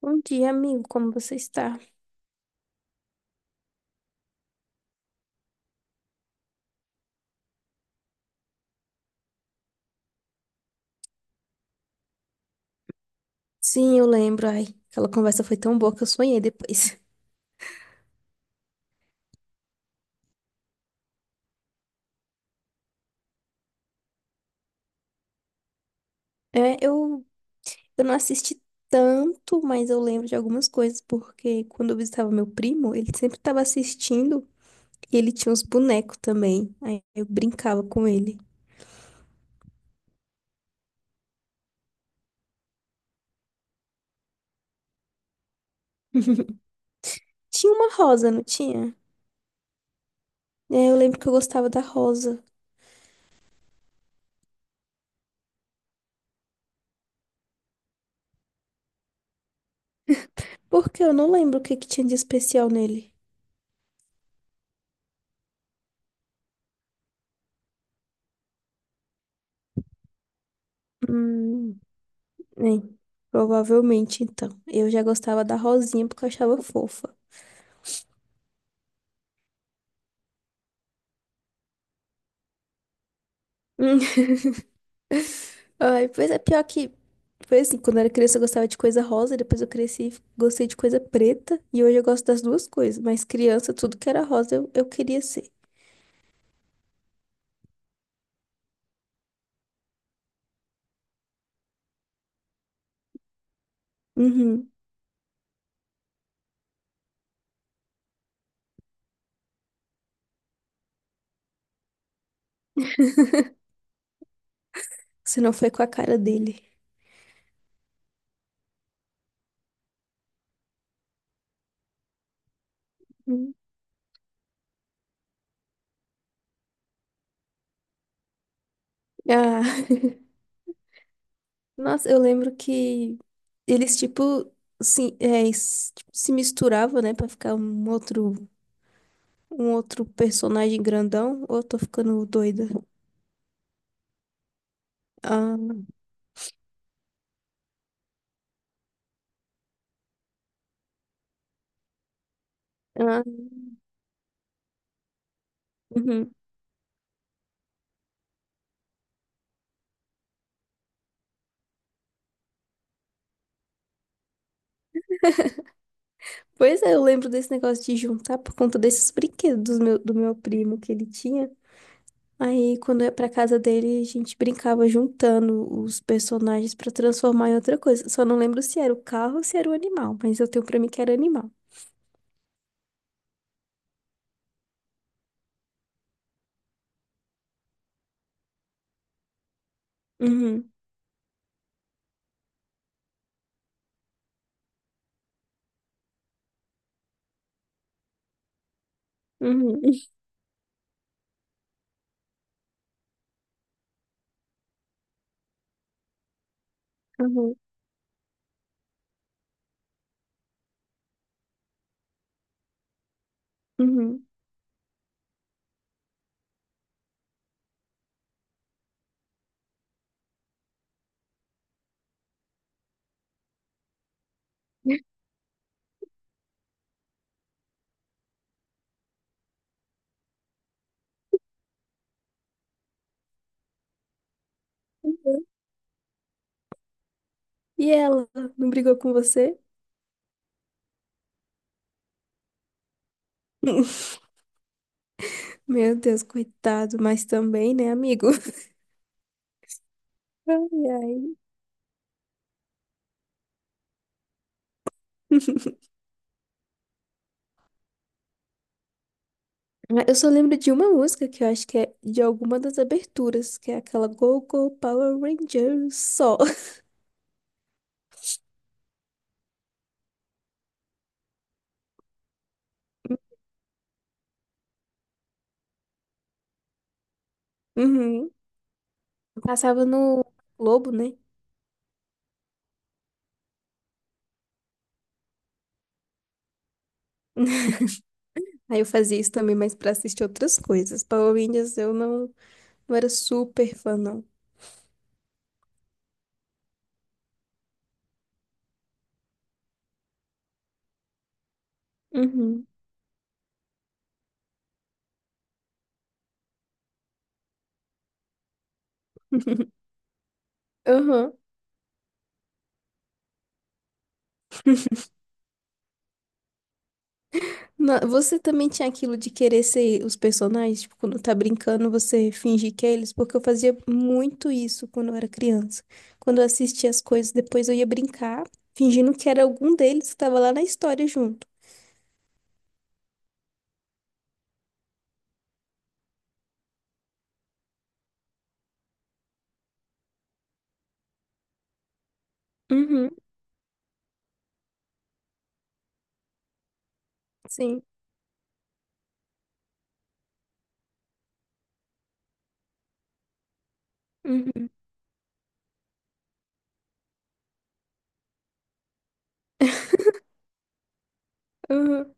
Bom dia, amigo. Como você está? Sim, eu lembro. Ai, aquela conversa foi tão boa que eu sonhei depois. É, eu, eu não assisti tanto, mas eu lembro de algumas coisas, porque quando eu visitava meu primo, ele sempre estava assistindo e ele tinha uns bonecos também. Aí eu brincava com ele. Tinha uma rosa, não tinha? É, eu lembro que eu gostava da rosa. Porque eu não lembro o que que tinha de especial nele. Hum, é, provavelmente então. Eu já gostava da rosinha porque eu achava fofa. Ai, pois é, pior que. Foi assim, quando eu era criança eu gostava de coisa rosa, depois eu cresci e gostei de coisa preta, e hoje eu gosto das duas coisas, mas criança, tudo que era rosa eu queria ser. Uhum. Se não foi com a cara dele. Hum. Ah. Nossa, eu lembro que eles, tipo, se, é, s- tipo, se misturavam, né, pra ficar um outro personagem grandão, ou eu tô ficando doida? Ah, ah, uhum. Pois é, eu lembro desse negócio de juntar por conta desses brinquedos do meu primo que ele tinha. Aí, quando eu ia pra casa dele, a gente brincava juntando os personagens pra transformar em outra coisa. Só não lembro se era o carro ou se era o animal, mas eu tenho pra mim que era animal. Uhum, uhum, uhum, uhum. Uhum. E ela não brigou com você? Meu Deus, coitado, mas também, né, amigo? Ai, ai. Ah, eu só lembro de uma música que eu acho que é de alguma das aberturas, que é aquela Go Go Power Rangers só. Uhum. Passava no Globo, né? Aí eu fazia isso também, mas pra assistir outras coisas. Power Rangers eu não, não era super fã, não. Uhum. Uhum. Na- Você também tinha aquilo de querer ser os personagens, tipo, quando tá brincando, você fingir que é eles, porque eu fazia muito isso quando eu era criança. Quando eu assistia as coisas, depois eu ia brincar, fingindo que era algum deles que tava lá na história junto. Uhum, sim. Uhum, uhum,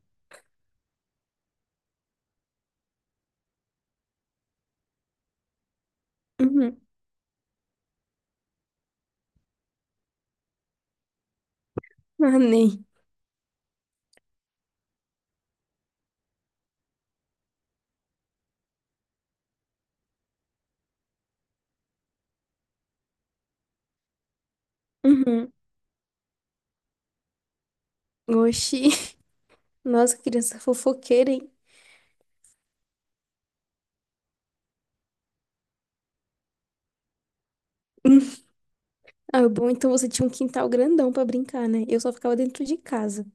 uhum. Ah, nem. Uhum. Oxi. Nossa, criança fofoqueira, hein? Ah, bom, então você tinha um quintal grandão pra brincar, né? Eu só ficava dentro de casa.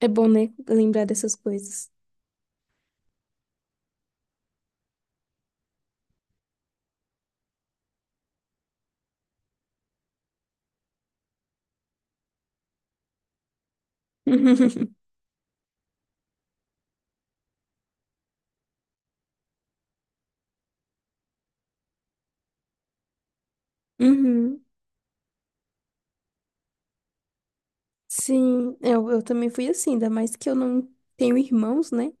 É bom, né? Lembrar dessas coisas. Uhum. Sim, eu também fui assim, ainda mais que eu não tenho irmãos, né?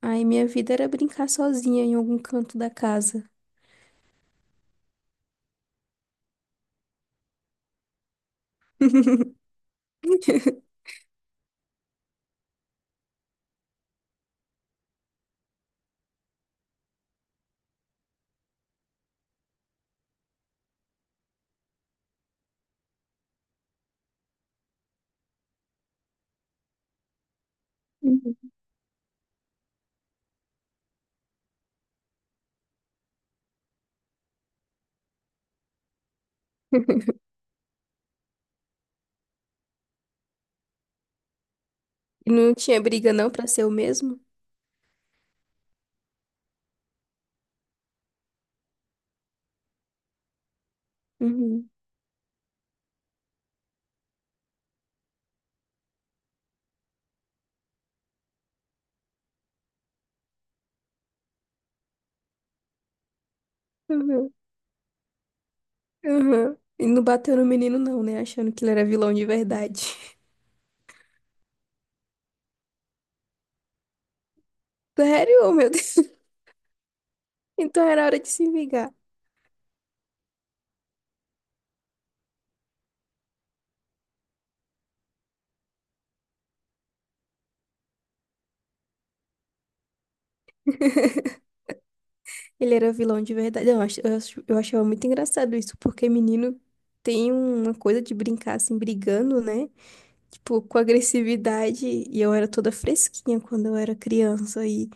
Aí minha vida era brincar sozinha em algum canto da casa. Uhum. E não tinha briga não pra ser o mesmo? Uhum. Uhum. Uhum. E não bateu no menino não, né? Achando que ele era vilão de verdade. Sério? Oh, meu Deus. Então era hora de se vingar. Ele era vilão de verdade. Não, eu achava muito engraçado isso, porque menino tem uma coisa de brincar assim, brigando, né? Tipo, com agressividade, e eu era toda fresquinha quando eu era criança, e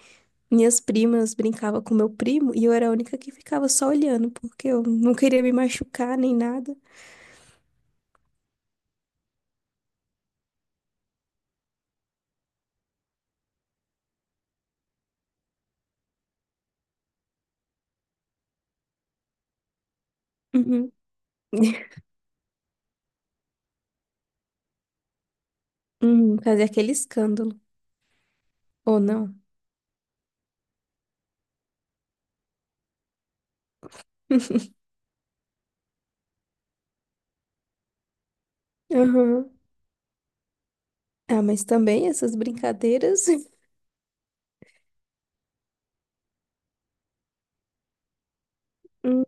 minhas primas brincavam com meu primo, e eu era a única que ficava só olhando, porque eu não queria me machucar nem nada. Uhum. Uhum, fazer aquele escândalo, ou não. Uhum. Ah, mas também essas brincadeiras. Hum,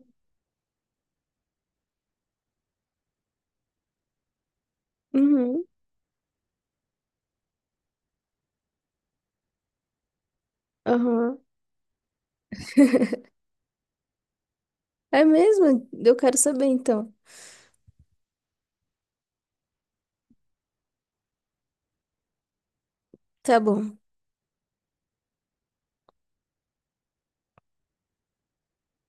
uhum. Aham. É mesmo? Eu quero saber então. Tá bom.